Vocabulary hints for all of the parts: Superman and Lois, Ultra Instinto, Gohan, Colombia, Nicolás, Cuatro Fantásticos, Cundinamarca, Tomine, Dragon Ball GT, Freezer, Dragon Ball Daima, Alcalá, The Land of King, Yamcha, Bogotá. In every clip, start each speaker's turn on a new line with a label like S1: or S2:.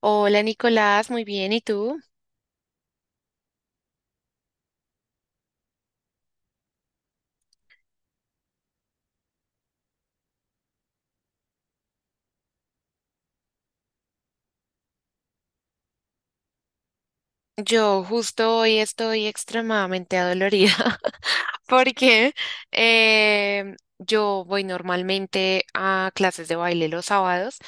S1: Hola Nicolás, muy bien, ¿y tú? Yo justo hoy estoy extremadamente adolorida porque yo voy normalmente a clases de baile los sábados,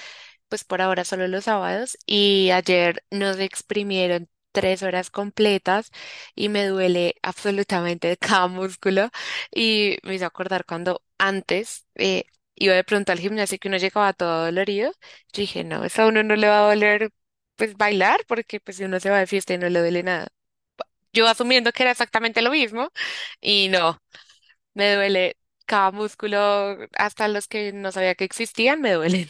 S1: pues por ahora solo los sábados, y ayer nos exprimieron 3 horas completas y me duele absolutamente cada músculo. Y me hizo acordar cuando antes, iba de pronto al gimnasio, que uno llegaba todo dolorido. Yo dije, no, eso a uno no le va a doler pues bailar, porque pues si uno se va de fiesta y no le duele nada. Yo asumiendo que era exactamente lo mismo, y no, me duele cada músculo, hasta los que no sabía que existían, me duelen.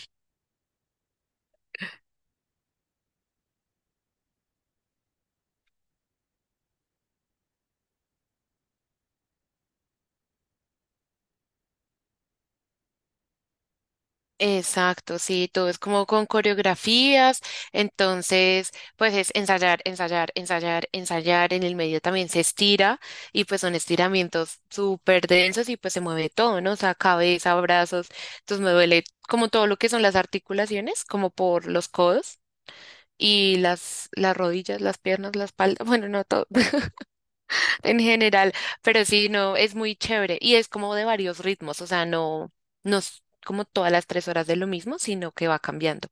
S1: Exacto, sí, todo es como con coreografías, entonces pues es ensayar, ensayar, ensayar, ensayar, en el medio también se estira y pues son estiramientos súper densos y pues se mueve todo, ¿no? O sea, cabeza, brazos, entonces me duele como todo lo que son las articulaciones, como por los codos y las rodillas, las piernas, la espalda, bueno, no todo en general, pero sí, no, es muy chévere y es como de varios ritmos, o sea, no, no es como todas las tres horas de lo mismo, sino que va cambiando.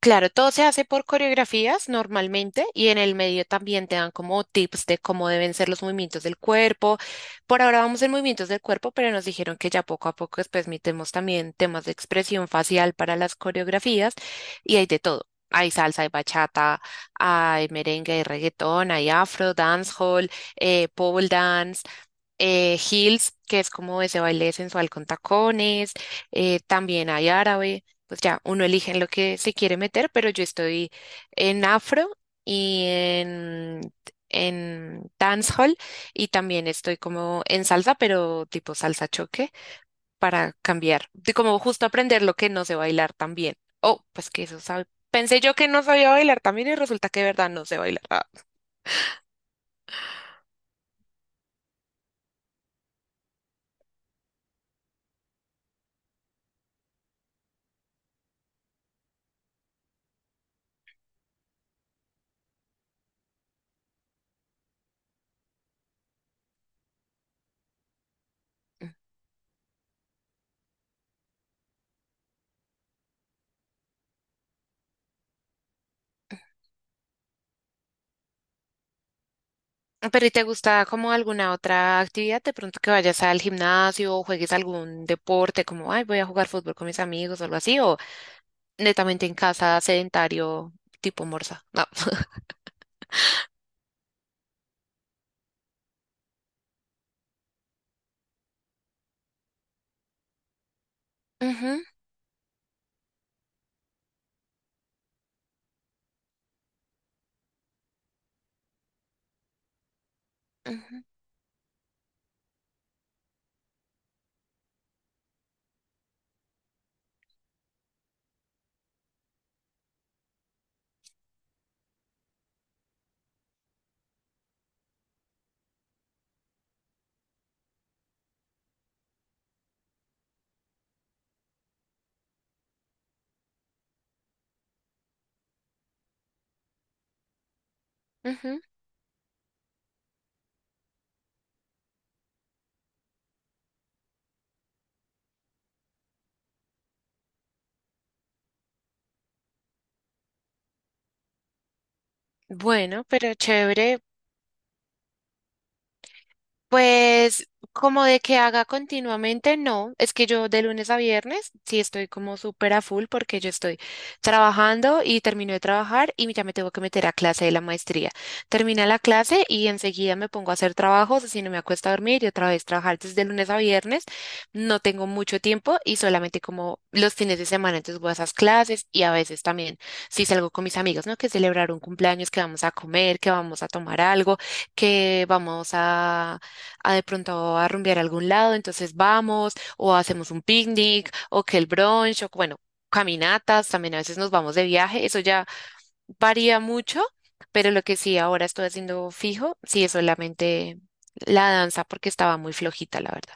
S1: Claro, todo se hace por coreografías normalmente y en el medio también te dan como tips de cómo deben ser los movimientos del cuerpo. Por ahora vamos en movimientos del cuerpo, pero nos dijeron que ya poco a poco después metemos también temas de expresión facial para las coreografías, y hay de todo. Hay salsa, hay bachata, hay merengue, hay reggaetón, hay afro, dancehall, pole dance, heels, que es como ese baile sensual con tacones. También hay árabe, pues ya uno elige en lo que se quiere meter, pero yo estoy en afro y en dancehall, y también estoy como en salsa, pero tipo salsa choque, para cambiar, de como justo aprender lo que no sé bailar también. Oh, pues que eso sabe. Pensé yo que no sabía bailar también y resulta que de verdad no sé bailar. Ah. Pero ¿y te gusta como alguna otra actividad? De pronto que vayas al gimnasio o juegues algún deporte, como, ay, voy a jugar fútbol con mis amigos o algo así, o netamente en casa, sedentario, tipo morsa. No. Ujú, ujú, ujú. Bueno, pero chévere. Pues como de que haga continuamente, no. Es que yo de lunes a viernes sí estoy como súper a full, porque yo estoy trabajando y termino de trabajar y ya me tengo que meter a clase de la maestría. Termina la clase y enseguida me pongo a hacer trabajos, así no me acuesto a dormir y otra vez trabajar desde lunes a viernes. No tengo mucho tiempo y solamente como los fines de semana, entonces voy a esas clases y a veces también sí salgo con mis amigos, ¿no? Que celebrar un cumpleaños, que vamos a comer, que vamos a tomar algo, que vamos a de pronto a rumbear a algún lado, entonces vamos, o hacemos un picnic, o que el brunch, o bueno, caminatas, también a veces nos vamos de viaje, eso ya varía mucho, pero lo que sí ahora estoy haciendo fijo, sí es solamente la danza, porque estaba muy flojita, la verdad.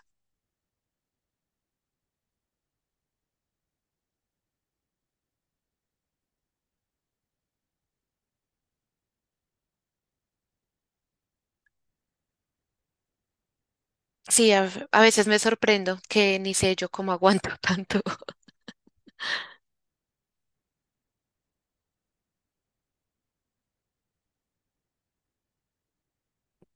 S1: Sí, a veces me sorprendo que ni sé yo cómo aguanto tanto.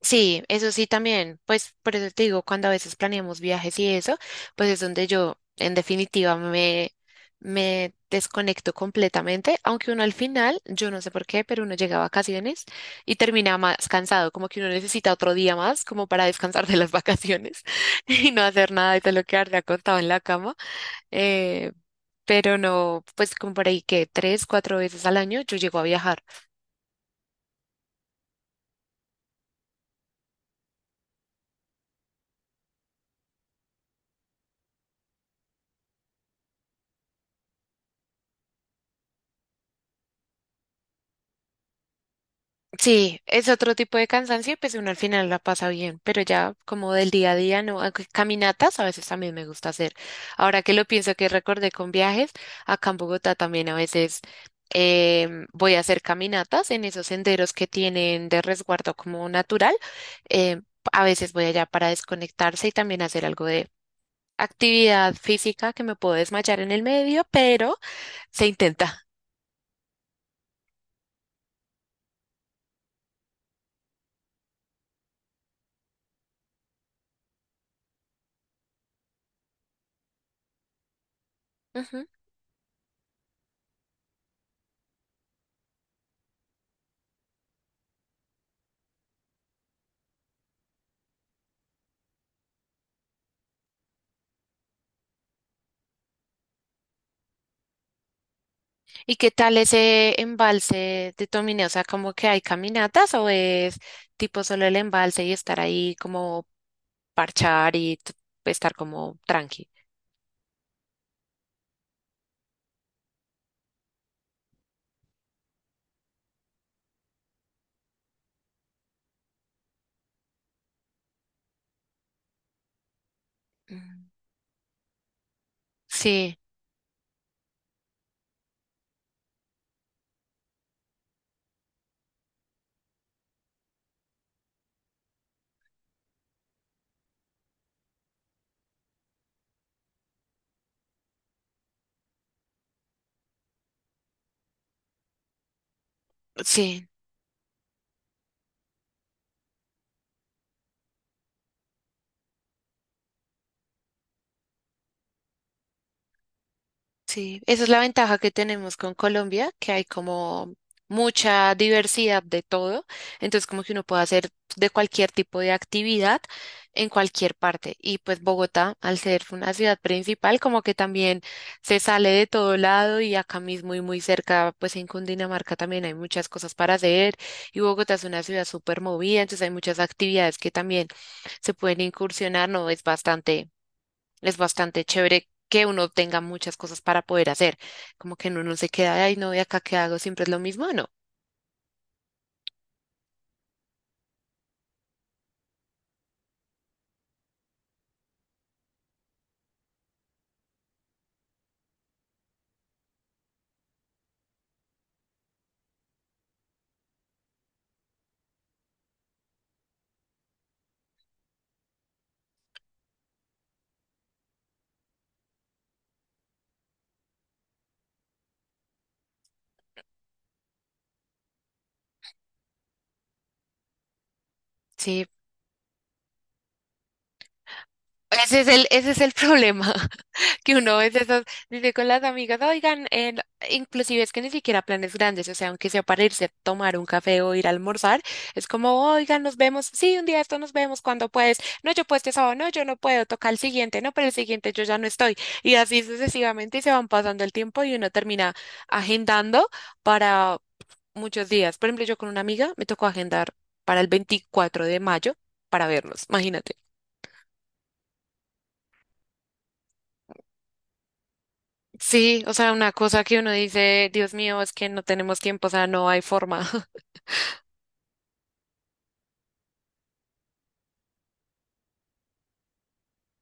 S1: Sí, eso sí también. Pues por eso te digo, cuando a veces planeamos viajes y eso, pues es donde yo en definitiva me desconecto completamente, aunque uno al final, yo no sé por qué, pero uno llega a vacaciones y termina más cansado, como que uno necesita otro día más como para descansar de las vacaciones y no hacer nada y te lo quedarte acostado en la cama. Eh, pero no, pues como por ahí que 3, 4 veces al año yo llego a viajar. Sí, es otro tipo de cansancio, pues uno al final la pasa bien, pero ya como del día a día, no, aunque caminatas a veces también me gusta hacer. Ahora que lo pienso, que recordé con viajes, acá en Bogotá también a veces voy a hacer caminatas en esos senderos que tienen de resguardo como natural. em, a veces voy allá para desconectarse y también hacer algo de actividad física, que me puedo desmayar en el medio, pero se intenta. Ujú. ¿Y qué tal ese embalse de Tomine? O sea, ¿como que hay caminatas o es tipo solo el embalse y estar ahí como parchar y estar como tranqui? Mm. Sí, sí. Sí, esa es la ventaja que tenemos con Colombia, que hay como mucha diversidad de todo, entonces como que uno puede hacer de cualquier tipo de actividad en cualquier parte. Y pues Bogotá, al ser una ciudad principal, como que también se sale de todo lado y acá mismo y muy cerca, pues en Cundinamarca también hay muchas cosas para hacer, y Bogotá es una ciudad súper movida, entonces hay muchas actividades que también se pueden incursionar, no es bastante es bastante chévere que uno tenga muchas cosas para poder hacer, como que uno no se queda, ay, no, ¿y acá qué hago? Siempre es lo mismo, no. Sí, ese es el problema, que uno a veces dice con las amigas, oigan, no, inclusive es que ni siquiera planes grandes, o sea, aunque sea para irse a tomar un café o ir a almorzar, es como, oigan, nos vemos, sí, un día esto nos vemos cuando puedes, no, yo puedo este sábado, no, yo no puedo, toca el siguiente, no, pero el siguiente yo ya no estoy, y así sucesivamente y se van pasando el tiempo y uno termina agendando para muchos días. Por ejemplo, yo con una amiga me tocó agendar para el 24 de mayo para vernos, imagínate. Sí, o sea, una cosa que uno dice, Dios mío, es que no tenemos tiempo, o sea, no hay forma.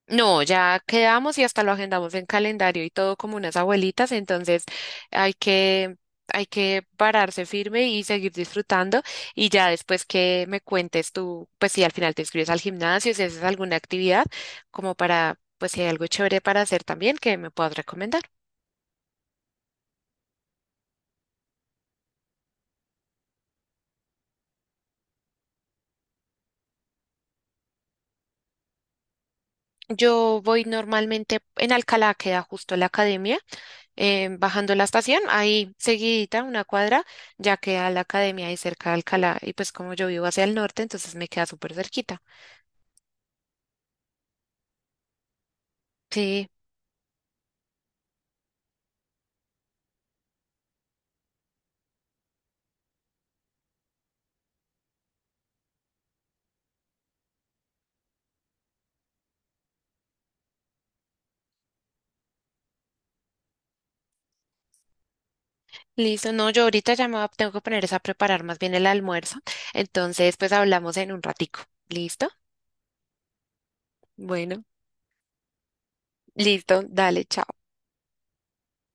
S1: No, ya quedamos y hasta lo agendamos en calendario y todo como unas abuelitas, entonces hay que, hay que pararse firme y seguir disfrutando, y ya después que me cuentes tú, pues si al final te inscribes al gimnasio, si haces alguna actividad, como para, pues si hay algo chévere para hacer también que me puedas recomendar. Yo voy normalmente en Alcalá, queda justo la academia, bajando la estación, ahí seguidita, una cuadra, ya queda la academia ahí cerca de Alcalá. Y pues como yo vivo hacia el norte, entonces me queda súper cerquita. Sí, listo. No, yo ahorita ya tengo que poner es a preparar más bien el almuerzo. Entonces, pues hablamos en un ratico. ¿Listo? Bueno, listo. Dale, chao.